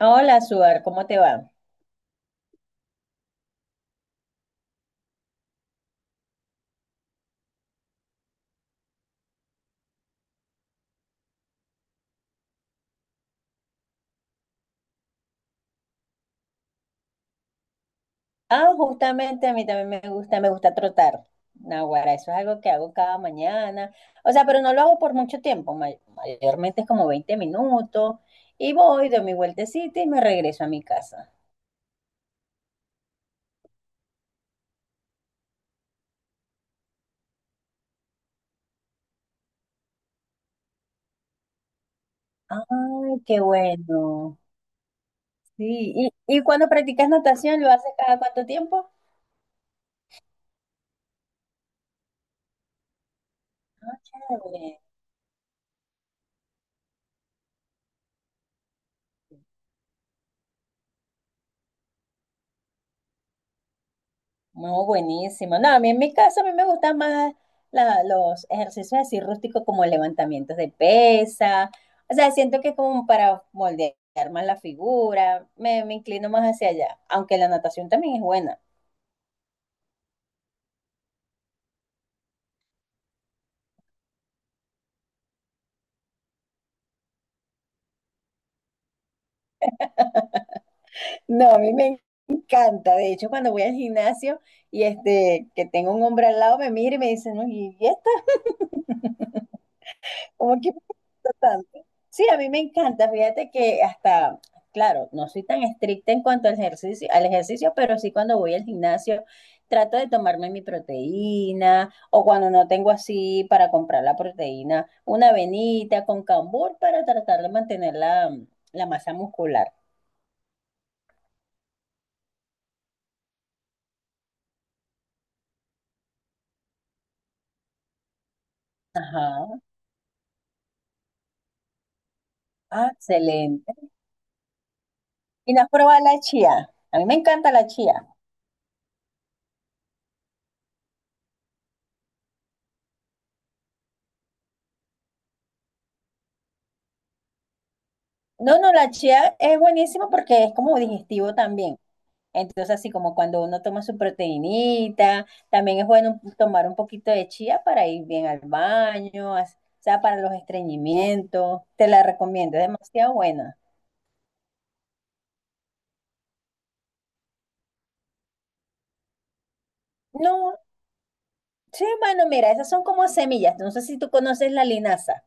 Hola, Suar, ¿cómo te va? Ah, justamente a mí también me gusta trotar. Naguará, eso es algo que hago cada mañana. O sea, pero no lo hago por mucho tiempo, mayormente es como 20 minutos y voy, doy mi vueltecita y me regreso a mi casa. Ay, qué bueno. Sí, ¿y cuando practicas natación, ¿lo haces cada cuánto tiempo? Ah, chévere. No, buenísimo. No, a mí en mi caso a mí me gustan más los ejercicios así rústicos como levantamientos de pesa. O sea, siento que es como para moldear más la figura. Me inclino más hacia allá, aunque la natación también es buena. No, a mí me encanta. De hecho, cuando voy al gimnasio y este, que tengo un hombre al lado, me mira y me dice, no, ¿y este? Como que importante. Sí, a mí me encanta. Fíjate que hasta, claro, no soy tan estricta en cuanto al ejercicio, pero sí cuando voy al gimnasio trato de tomarme mi proteína o cuando no tengo así para comprar la proteína, una avenita con cambur para tratar de mantener la masa muscular. Ajá. Ah, excelente. ¿Y no has probado la chía? A mí me encanta la chía. No, no, la chía es buenísima porque es como digestivo también. Entonces, así como cuando uno toma su proteinita, también es bueno tomar un poquito de chía para ir bien al baño, o sea, para los estreñimientos. Te la recomiendo, es demasiado buena. No, sí, bueno, mira, esas son como semillas. No sé si tú conoces la linaza.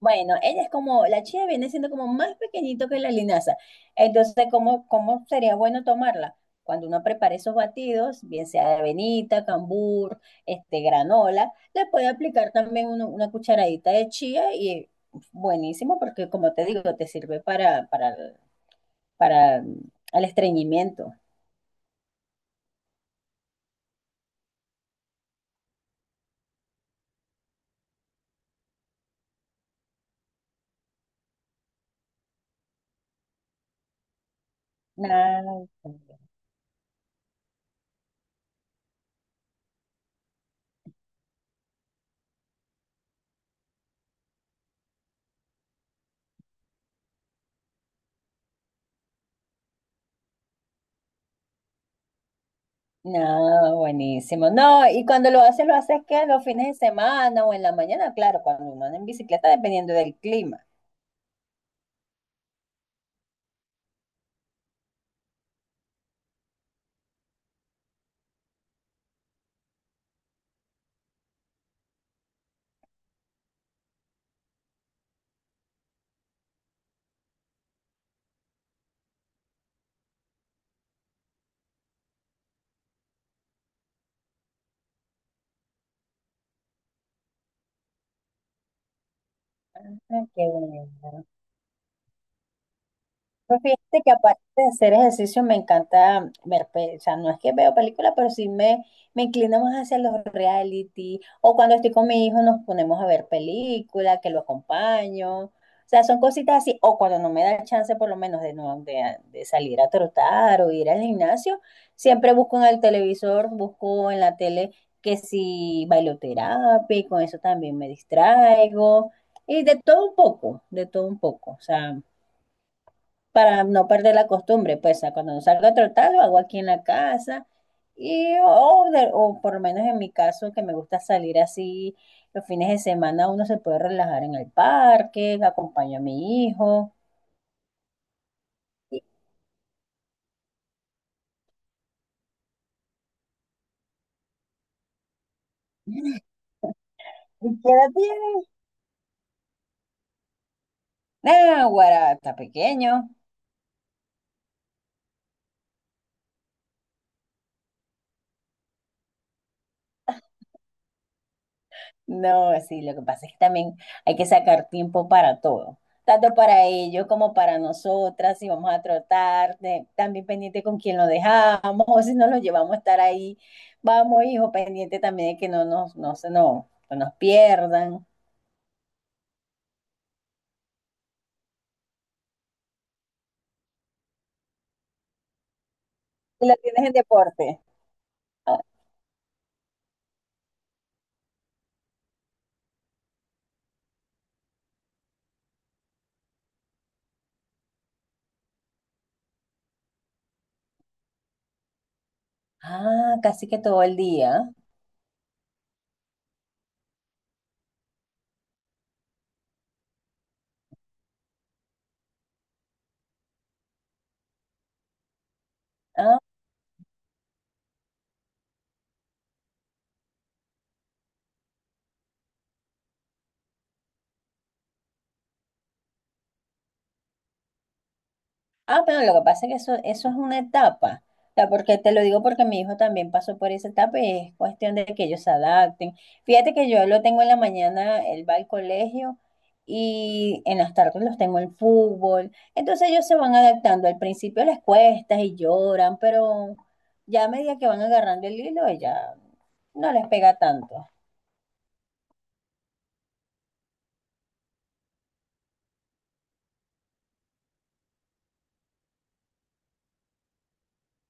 Bueno, ella es como, la chía viene siendo como más pequeñito que la linaza. Entonces, ¿cómo, cómo sería bueno tomarla? Cuando uno prepare esos batidos, bien sea de avenita, cambur, este, granola, le puede aplicar también una cucharadita de chía y buenísimo porque, como te digo, te sirve para el estreñimiento. Nada, no, buenísimo. No, y cuando lo haces que los fines de semana o en la mañana, claro, cuando uno anda en bicicleta, dependiendo del clima. Ah, qué bueno. Pues fíjate que aparte de hacer ejercicio me encanta ver, o sea, no es que veo películas, pero sí me inclino más hacia los reality, o cuando estoy con mi hijo nos ponemos a ver películas, que lo acompaño, o sea, son cositas así, o cuando no me da chance por lo menos de, no, de salir a trotar o ir al gimnasio, siempre busco en el televisor, busco en la tele que si bailoterapia, y con eso también me distraigo. Y de todo un poco, de todo un poco. O sea, para no perder la costumbre, pues a cuando salgo a trotar lo hago aquí en la casa y o, o por lo menos en mi caso que me gusta salir así los fines de semana uno se puede relajar en el parque, acompaño a mi hijo. ¿Y y qué edad tiene? Ah, guará, está pequeño. No, sí, lo que pasa es que también hay que sacar tiempo para todo, tanto para ellos como para nosotras, si vamos a trotar, también pendiente con quién lo dejamos, o si nos lo llevamos a estar ahí, vamos, hijo, pendiente también de que no nos, no se nos, no nos pierdan. ¿Y la tienes en deporte? Ah, casi que todo el día. Ah, ah, pero lo que pasa es que eso es una etapa. O sea, porque te lo digo porque mi hijo también pasó por esa etapa y es cuestión de que ellos se adapten. Fíjate que yo lo tengo en la mañana, él va al colegio y en las tardes los tengo en fútbol. Entonces ellos se van adaptando. Al principio les cuesta y lloran, pero ya a medida que van agarrando el hilo, ya no les pega tanto.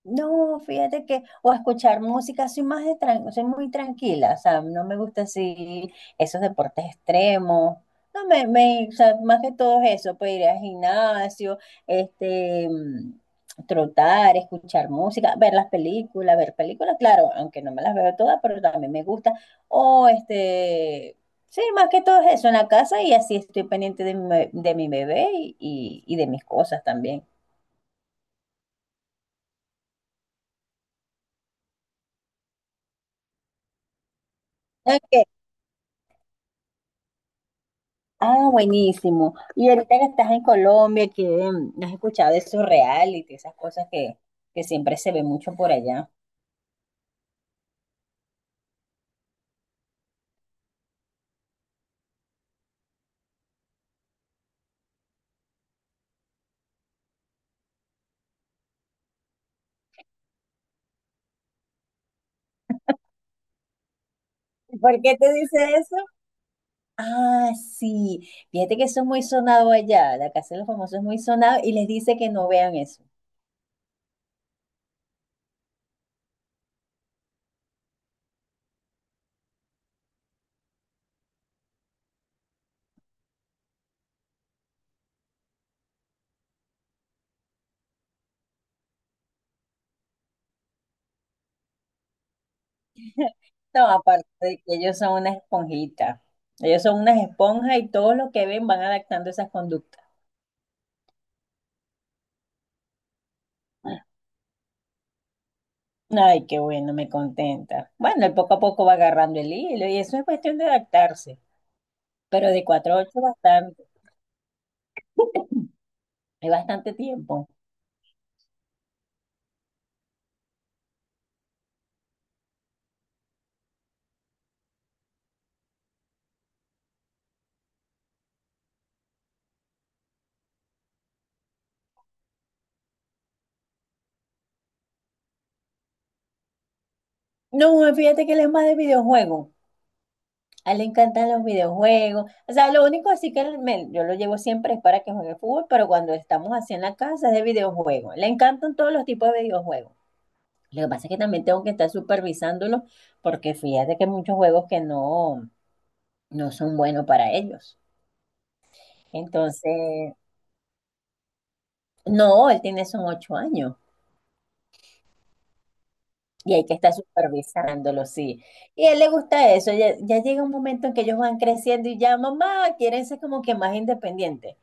No, fíjate que, o escuchar música, soy más de soy muy tranquila, o sea, no me gusta así esos deportes extremos, no me, me, o sea, más que todo eso, pues ir al gimnasio, este, trotar, escuchar música, ver las películas, ver películas, claro, aunque no me las veo todas, pero también me gusta, o este, sí, más que todo eso en la casa y así estoy pendiente de de mi bebé y de mis cosas también. Ok. Ah, buenísimo. Y ahorita que estás en Colombia, has escuchado de esos reality, esas cosas que siempre se ve mucho por allá. ¿Por qué te dice eso? Ah, sí. Fíjate que eso es muy sonado allá. La Casa de los Famosos es muy sonado y les dice que no vean eso. No, aparte de que ellos son unas esponjitas. Ellos son unas esponjas y todo lo que ven van adaptando esas conductas. Ay, qué bueno, me contenta. Bueno, él poco a poco va agarrando el hilo y eso es cuestión de adaptarse. Pero de 4 a 8 hay bastante tiempo. No, fíjate que él es más de videojuegos. A él le encantan los videojuegos. O sea, lo único así que él yo lo llevo siempre es para que juegue fútbol, pero cuando estamos así en la casa es de videojuegos. Le encantan todos los tipos de videojuegos. Lo que pasa es que también tengo que estar supervisándolo porque fíjate que hay muchos juegos que no son buenos para ellos. Entonces, no, él tiene son ocho años. Y hay que estar supervisándolo, sí. Y a él le gusta eso. Ya, ya llega un momento en que ellos van creciendo y ya, mamá, quieren ser como que más independientes.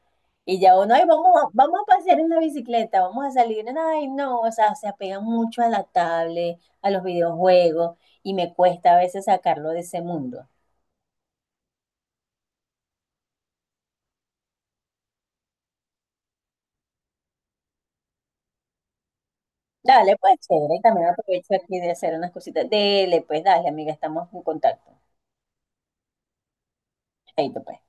Y ya uno, ay, vamos, vamos a pasear en la bicicleta, vamos a salir. Ay, no, o sea, se apegan mucho a la tablet, a los videojuegos, y me cuesta a veces sacarlo de ese mundo. Dale, pues, chévere, y también aprovecho aquí de hacer unas cositas. Dele, pues, dale, amiga, estamos en contacto. Chaito, pues.